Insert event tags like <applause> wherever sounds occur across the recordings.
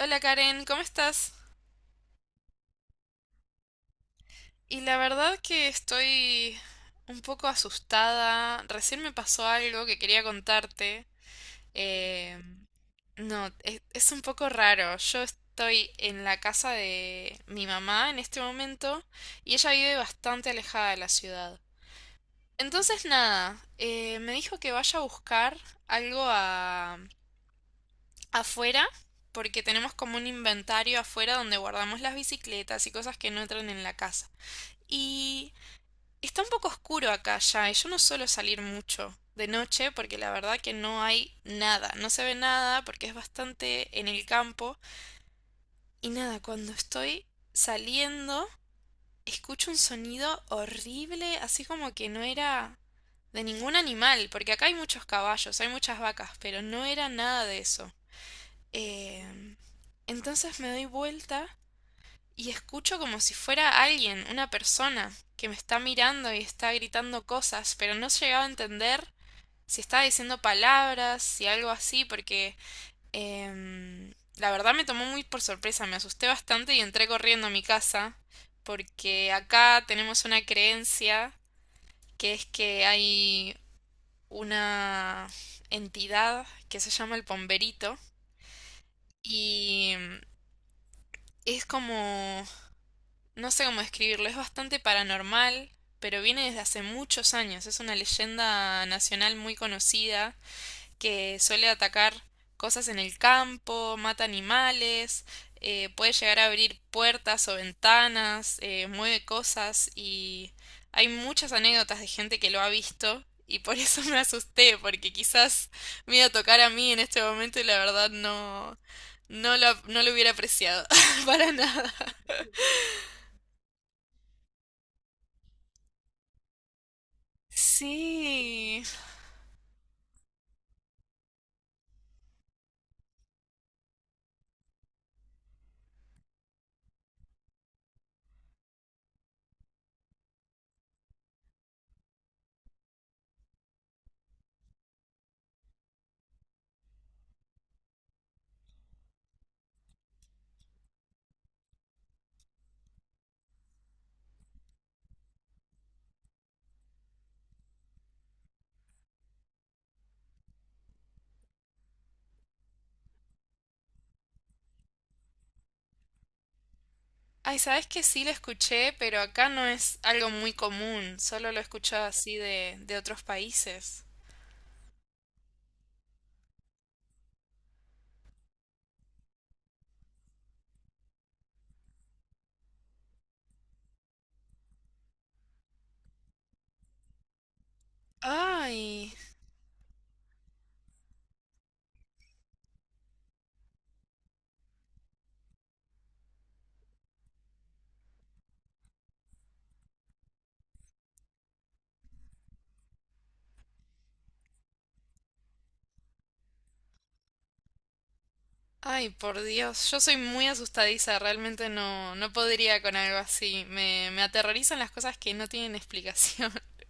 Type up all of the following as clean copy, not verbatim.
Hola Karen, ¿cómo estás? Y la verdad que estoy un poco asustada. Recién me pasó algo que quería contarte. Eh, no, es un poco raro. Yo estoy en la casa de mi mamá en este momento y ella vive bastante alejada de la ciudad. Entonces nada, me dijo que vaya a buscar algo a- afuera porque tenemos como un inventario afuera donde guardamos las bicicletas y cosas que no entran en la casa. Y está un poco oscuro acá ya, y yo no suelo salir mucho de noche porque la verdad que no hay nada, no se ve nada porque es bastante en el campo. Y nada, cuando estoy saliendo, escucho un sonido horrible, así como que no era de ningún animal, porque acá hay muchos caballos, hay muchas vacas, pero no era nada de eso. Eh, entonces me doy vuelta y escucho como si fuera alguien, una persona, que me está mirando y está gritando cosas, pero no llegaba a entender si estaba diciendo palabras, si algo así, porque la verdad me tomó muy por sorpresa, me asusté bastante y entré corriendo a mi casa, porque acá tenemos una creencia que es que hay una entidad que se llama el pomberito y es como No sé cómo describirlo, es bastante paranormal, pero viene desde hace muchos años. Es una leyenda nacional muy conocida que suele atacar cosas en el campo, mata animales, puede llegar a abrir puertas o ventanas, mueve cosas y hay muchas anécdotas de gente que lo ha visto y por <laughs> eso me asusté, porque quizás me iba a tocar a mí en este momento y la verdad no, no lo hubiera apreciado <laughs> para nada. Sí. Ay, sabes que sí lo escuché, pero acá no es algo muy común. Solo lo he escuchado así de otros países. Ay, Ay, por Dios. Yo soy muy asustadiza. Realmente no, no podría con algo así. Me aterrorizan las cosas que no tienen explicación. <laughs>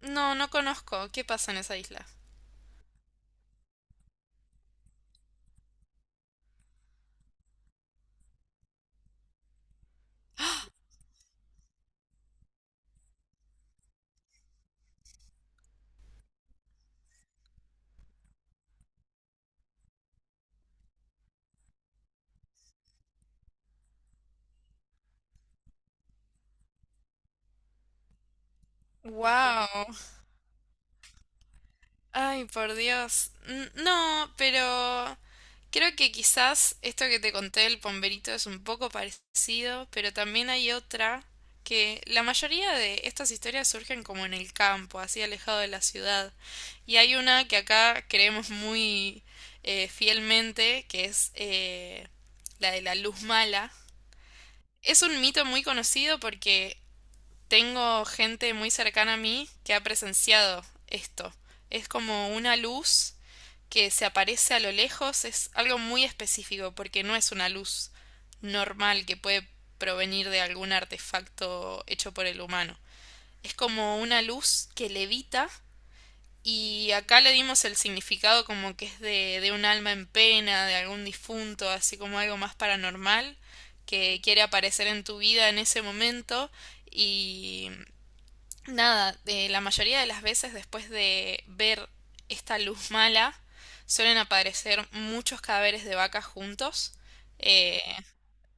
No, no conozco. ¿Qué pasa en esa isla? Wow. Ay, por Dios. No, pero creo que quizás esto que te conté del pomberito es un poco parecido, pero también hay otra que la mayoría de estas historias surgen como en el campo, así alejado de la ciudad. Y hay una que acá creemos muy fielmente, que es la de la luz mala. Es un mito muy conocido porque tengo gente muy cercana a mí que ha presenciado esto. Es como una luz que se aparece a lo lejos, es algo muy específico porque no es una luz normal que puede provenir de algún artefacto hecho por el humano. Es como una luz que levita y acá le dimos el significado como que es de un alma en pena, de algún difunto, así como algo más paranormal que quiere aparecer en tu vida en ese momento y Nada, la mayoría de las veces después de ver esta luz mala suelen aparecer muchos cadáveres de vacas juntos. Eh,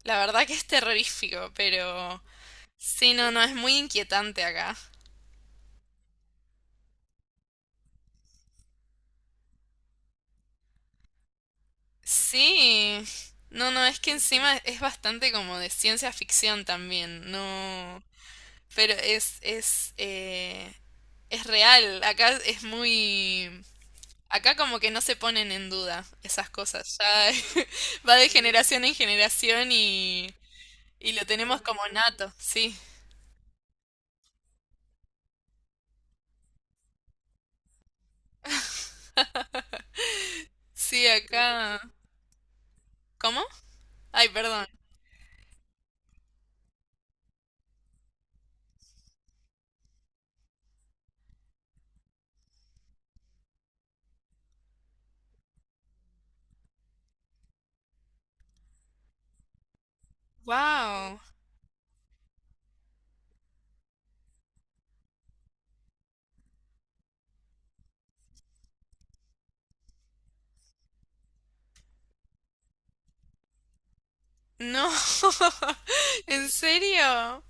la verdad que es terrorífico, pero sí, no, no, es muy inquietante acá. Sí, no, no, es que encima es bastante como de ciencia ficción también, no, pero es real, acá es muy... Acá como que no se ponen en duda esas cosas, ya <laughs> va de generación en generación y lo tenemos como nato, sí. <laughs> Sí, acá. ¿Cómo? Ay, perdón. Wow. No. <laughs> ¿En serio?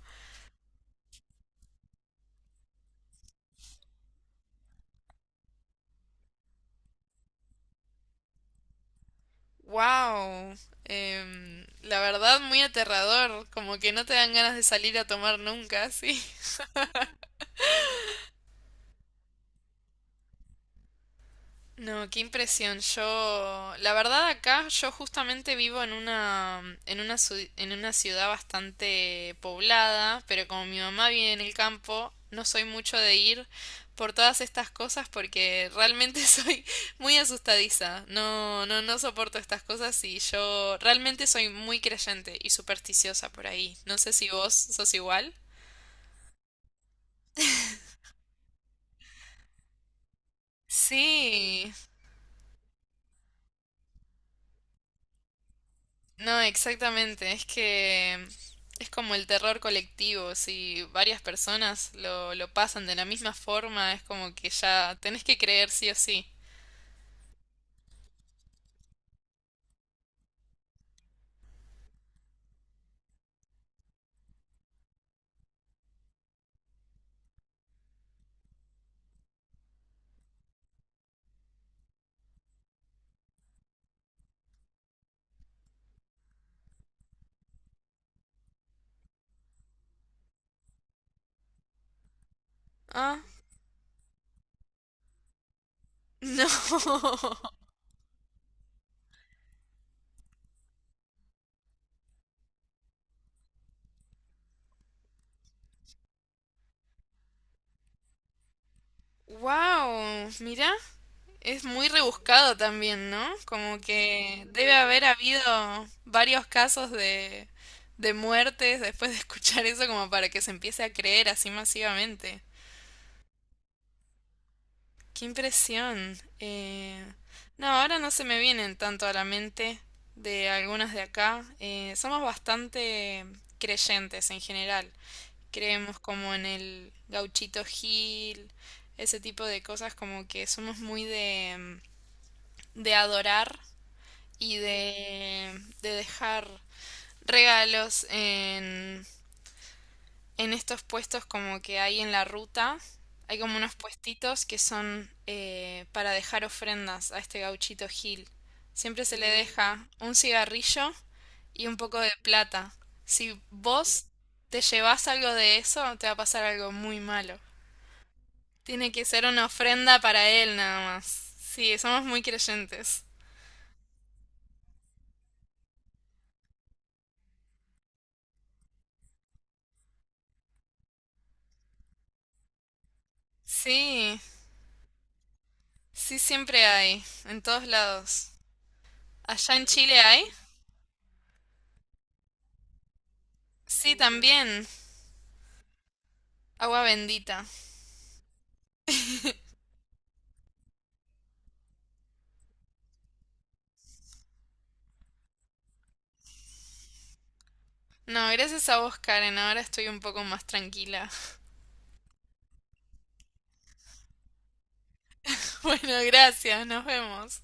Wow. La verdad, muy aterrador, como que no te dan ganas de salir a tomar nunca, sí. No, qué impresión. Yo, la verdad acá, yo justamente vivo en una, en una ciudad bastante poblada, pero como mi mamá vive en el campo, no soy mucho de ir por todas estas cosas porque realmente <laughs> soy muy asustadiza. No, no, no soporto estas cosas y yo realmente soy muy creyente y supersticiosa por ahí. No sé si vos sos igual. Sí, no, exactamente. Es que es como el terror colectivo. Si varias personas lo pasan de la misma forma, es como que ya tenés que creer sí o sí. Ah, no. <laughs> Wow, mira, es muy rebuscado también, ¿no? Como que debe haber habido varios casos de muertes después de escuchar eso como para que se empiece a creer así masivamente. Qué impresión. No, ahora no se me vienen tanto a la mente de algunas de acá. Somos bastante creyentes en general. Creemos como en el Gauchito Gil, ese tipo de cosas, como que somos muy de adorar y de dejar regalos en estos puestos como que hay en la ruta, hay como unos puestitos que son para dejar ofrendas a este Gauchito Gil. Siempre se le deja un cigarrillo y un poco de plata. Si vos te llevas algo de eso, te va a pasar algo muy malo. Tiene que ser una ofrenda para él nada más. Sí, somos muy creyentes. Sí, sí siempre hay, en todos lados. ¿Allá en Chile hay? Sí, también. Agua bendita. No, gracias a vos, Karen. Ahora estoy un poco más tranquila. <laughs> Bueno, gracias. Nos vemos.